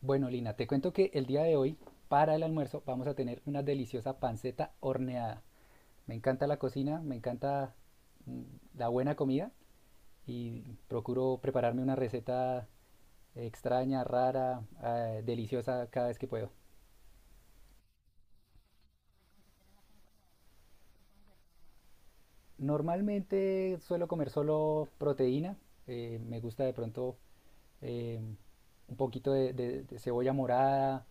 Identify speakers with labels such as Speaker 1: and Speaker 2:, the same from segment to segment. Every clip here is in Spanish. Speaker 1: Bueno, Lina, te cuento que el día de hoy, para el almuerzo, vamos a tener una deliciosa panceta horneada. Me encanta la cocina, me encanta mm, la buena comida y procuro prepararme una receta extraña, rara, deliciosa cada vez que puedo. Normalmente suelo comer solo proteína, me gusta de pronto eh, un poquito de cebolla morada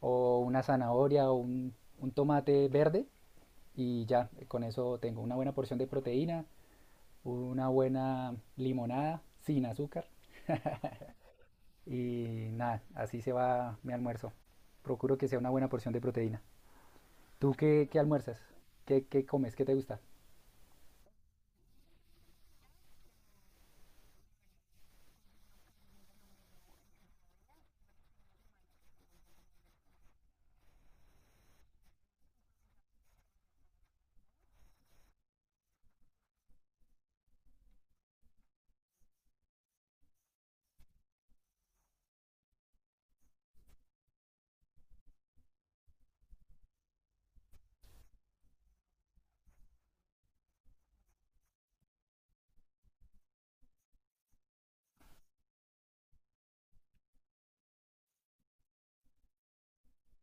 Speaker 1: o una zanahoria o un tomate verde y ya, con eso tengo una buena porción de proteína, una buena limonada sin azúcar y nada, así se va mi almuerzo. Procuro que sea una buena porción de proteína. ¿Tú qué almuerzas? ¿Qué comes? ¿Qué te gusta?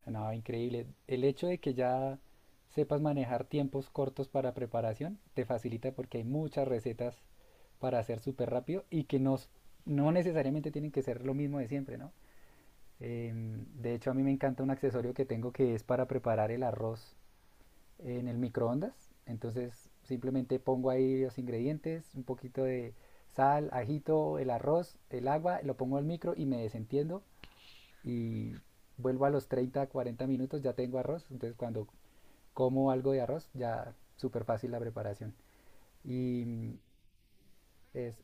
Speaker 1: No, increíble. El hecho de que ya sepas manejar tiempos cortos para preparación te facilita porque hay muchas recetas para hacer súper rápido y que no necesariamente tienen que ser lo mismo de siempre, ¿no? De hecho, a mí me encanta un accesorio que tengo que es para preparar el arroz en el microondas. Entonces, simplemente pongo ahí los ingredientes, un poquito de sal, ajito, el arroz, el agua, lo pongo al micro y me desentiendo y vuelvo a los 30, 40 minutos, ya tengo arroz. Entonces, cuando como algo de arroz, ya súper fácil la preparación. Y es,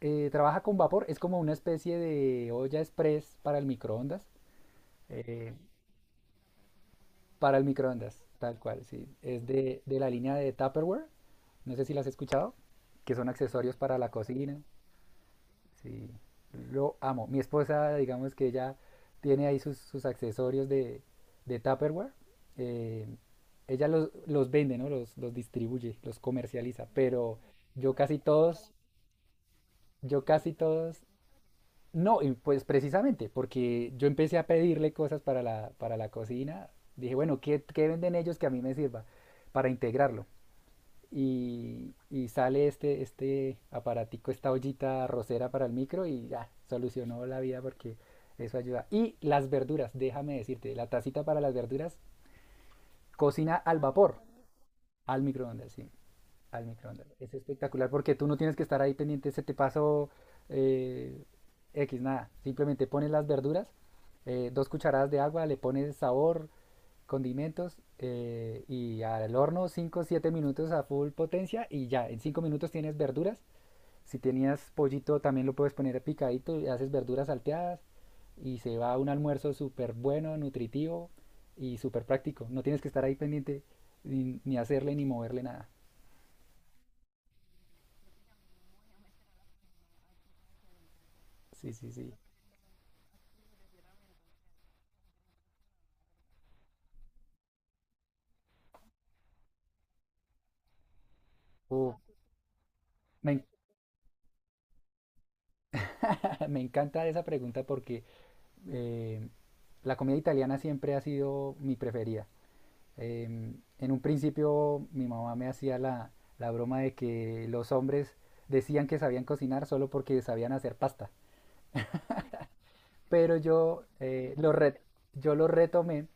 Speaker 1: trabaja con vapor, es como una especie de olla express para el microondas. Eh, Para el microondas, tal cual, sí. Es de la línea de Tupperware. No sé si las has escuchado, que son accesorios para la cocina. Sí, lo amo. Mi esposa, digamos que ella tiene ahí sus accesorios de Tupperware. Eh, Ella los vende, ¿no? Los distribuye, los comercializa. Pero yo casi todos, yo casi todos no, y pues precisamente, porque yo empecé a pedirle cosas para la cocina, dije, bueno, ¿qué venden ellos que a mí me sirva para integrarlo? Y sale este aparatico, esta ollita rosera para el micro y ya, solucionó la vida porque eso ayuda. Y las verduras, déjame decirte, la tacita para las verduras, cocina al vapor, al microondas, sí al microondas. Es espectacular porque tú no tienes que estar ahí pendiente, se te pasó eh, X, nada. Simplemente pones las verduras, 2 cucharadas de agua, le pones sabor, condimentos y al horno 5 7 minutos a full potencia y ya, en 5 minutos tienes verduras. Si tenías pollito también lo puedes poner picadito y haces verduras salteadas y se va un almuerzo súper bueno, nutritivo y súper práctico. No tienes que estar ahí pendiente ni hacerle ni moverle nada. Sí, sí, sí. Uf, me, en- me encanta esa pregunta porque eh, la comida italiana siempre ha sido mi preferida. Eh, en un principio mi mamá me hacía la broma de que los hombres decían que sabían cocinar solo porque sabían hacer pasta. Pero yo yo lo retomé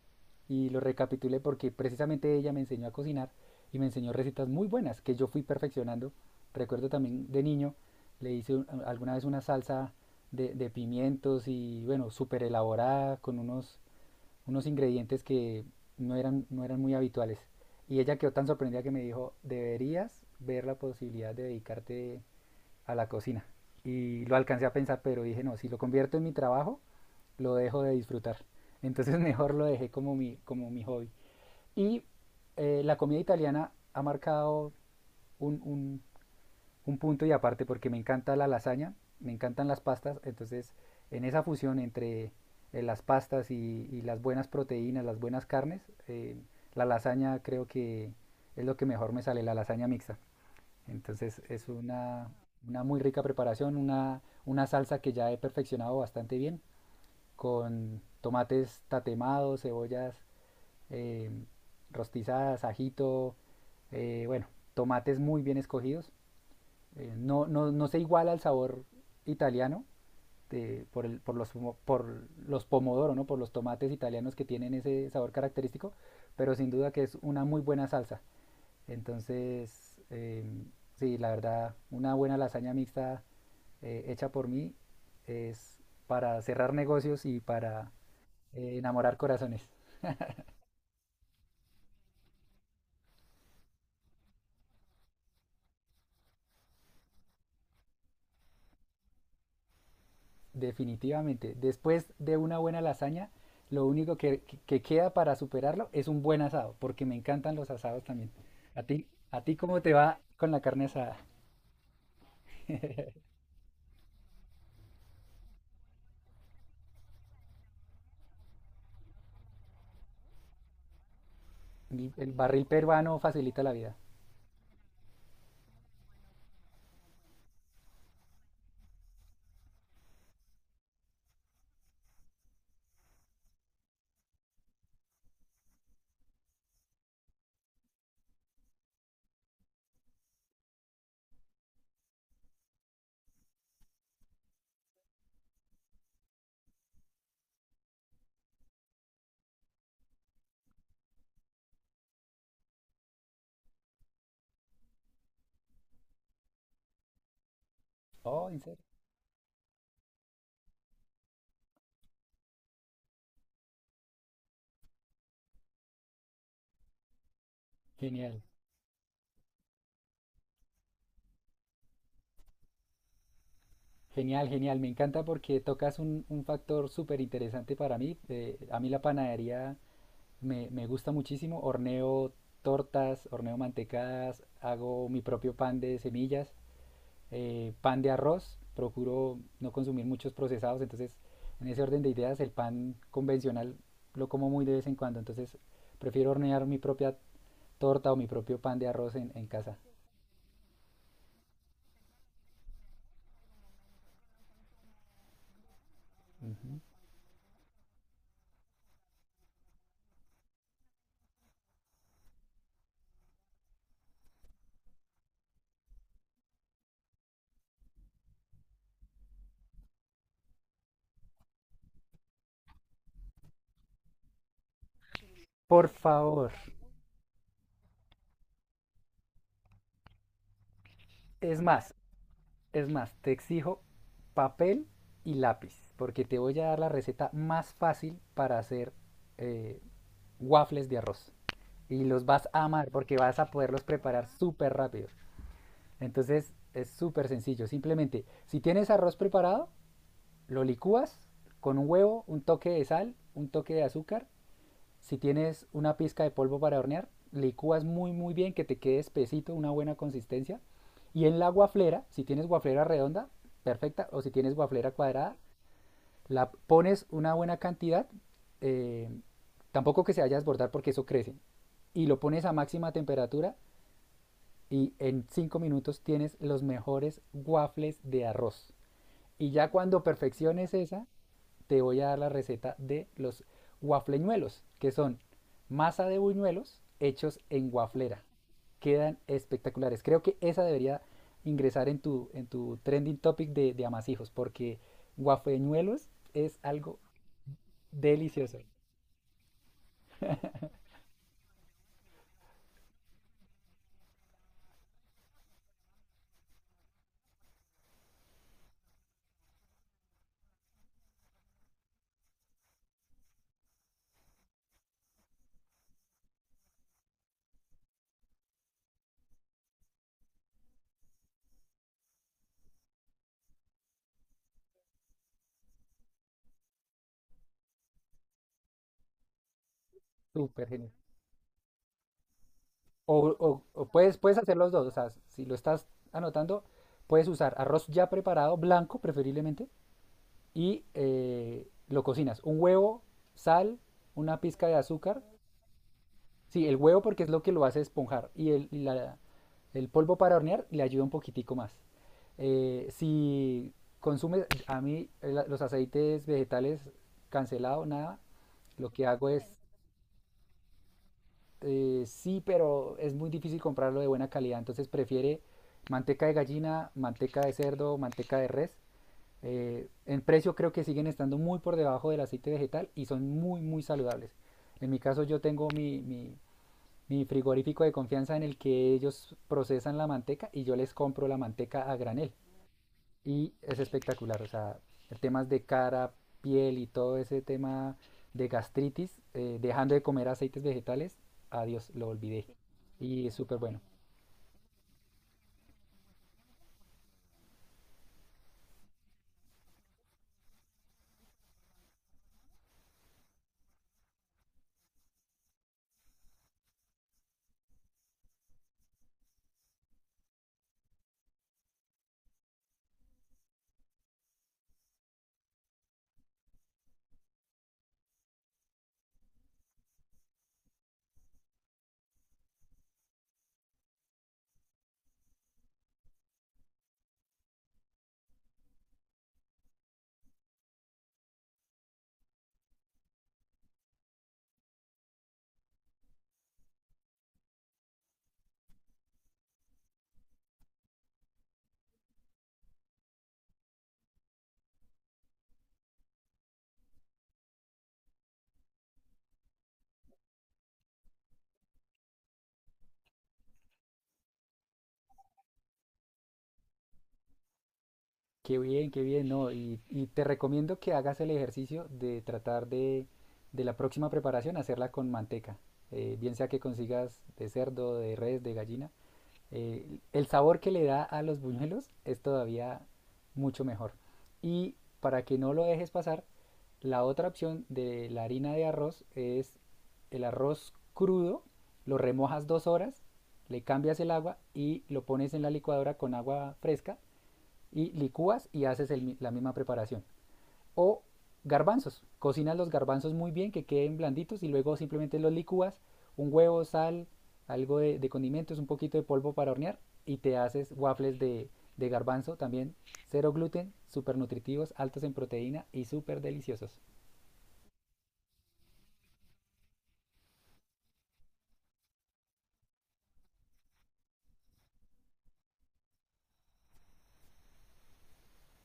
Speaker 1: y lo recapitulé porque precisamente ella me enseñó a cocinar y me enseñó recetas muy buenas que yo fui perfeccionando. Recuerdo también de niño, alguna vez una salsa de pimientos y bueno, súper elaborada con unos, unos ingredientes que no eran muy habituales. Y ella quedó tan sorprendida que me dijo, deberías ver la posibilidad de dedicarte a la cocina. Y lo alcancé a pensar, pero dije, no, si lo convierto en mi trabajo, lo dejo de disfrutar. Entonces mejor lo dejé como mi hobby. Y la comida italiana ha marcado un, un- un punto y aparte porque me encanta la lasaña, me encantan las pastas, entonces en esa fusión entre las pastas y las buenas proteínas, las buenas carnes, la lasaña creo que es lo que mejor me sale, la lasaña mixta. Entonces es una muy rica preparación, una salsa que ya he perfeccionado bastante bien con tomates tatemados, cebollas eh, rostizadas, ajito, bueno, tomates muy bien escogidos. No se iguala al sabor italiano de- por, el- por los, por los pomodoro, ¿no? Por los tomates italianos que tienen ese sabor característico, pero sin duda que es una muy buena salsa. Entonces, sí, la verdad, una buena lasaña mixta hecha por mí es para cerrar negocios y para enamorar corazones, definitivamente. Después de una buena lasaña, lo único que queda para superarlo es un buen asado, porque me encantan los asados también. A ti cómo te va con la carne asada? El barril peruano facilita la vida. Oh, en serio. Genial, genial, genial. Me encanta porque tocas un factor súper interesante para mí. A mí la panadería me gusta muchísimo. Horneo tortas, horneo mantecadas, hago mi propio pan de semillas. Pan de arroz, procuro no consumir muchos procesados, entonces en ese orden de ideas el pan convencional lo como muy de vez en cuando, entonces prefiero hornear mi propia torta o mi propio pan de arroz en casa. Ujú. Por favor, es más, es más, te exijo papel y lápiz, porque te voy a dar la receta más fácil para hacer eh, waffles de arroz. Y los vas a amar porque vas a poderlos preparar súper rápido. Entonces es súper sencillo. Simplemente, si tienes arroz preparado, lo licúas con un huevo, un toque de sal, un toque de azúcar. Si tienes una pizca de polvo para hornear, licúas muy muy bien que te quede espesito, una buena consistencia. Y en la guaflera, si tienes guaflera redonda, perfecta, o si tienes guaflera cuadrada, la pones una buena cantidad, eh, tampoco que se vaya a desbordar porque eso crece, y lo pones a máxima temperatura y en 5 minutos tienes los mejores waffles de arroz. Y ya cuando perfecciones esa, te voy a dar la receta de los waffleñuelos, que son masa de buñuelos hechos en waflera. Quedan espectaculares. Creo que esa debería ingresar en tu trending topic de amasijos, porque waffleñuelos es algo delicioso, súper genial. O puedes, puedes hacer los dos, o sea, si lo estás anotando, puedes usar arroz ya preparado, blanco preferiblemente, y lo cocinas. Un huevo, sal, una pizca de azúcar. Sí, el huevo porque es lo que lo hace esponjar. Y el polvo para hornear le ayuda un poquitico más. Si consumes, a mí los aceites vegetales cancelado, nada, lo que hago es sí, pero es muy difícil comprarlo de buena calidad, entonces prefiere manteca de gallina, manteca de cerdo, manteca de res. En precio creo que siguen estando muy por debajo del aceite vegetal y son muy, muy saludables. En mi caso yo tengo mi frigorífico de confianza en el que ellos procesan la manteca y yo les compro la manteca a granel y es espectacular. O sea, temas de cara, piel y todo ese tema de gastritis, dejando de comer aceites vegetales, adiós, lo olvidé. Y es súper bueno. Qué bien, no. Y te recomiendo que hagas el ejercicio de tratar de la próxima preparación hacerla con manteca. Bien sea que consigas de cerdo, de res, de gallina, el sabor que le da a los buñuelos es todavía mucho mejor. Y para que no lo dejes pasar, la otra opción de la harina de arroz es el arroz crudo, lo remojas 2 horas, le cambias el agua y lo pones en la licuadora con agua fresca y licúas y haces el la misma preparación. O garbanzos. Cocinas los garbanzos muy bien, que queden blanditos y luego simplemente los licúas, un huevo, sal, algo de condimentos, un poquito de polvo para hornear y te haces waffles de garbanzo también, cero gluten, súper nutritivos, altos en proteína y súper deliciosos.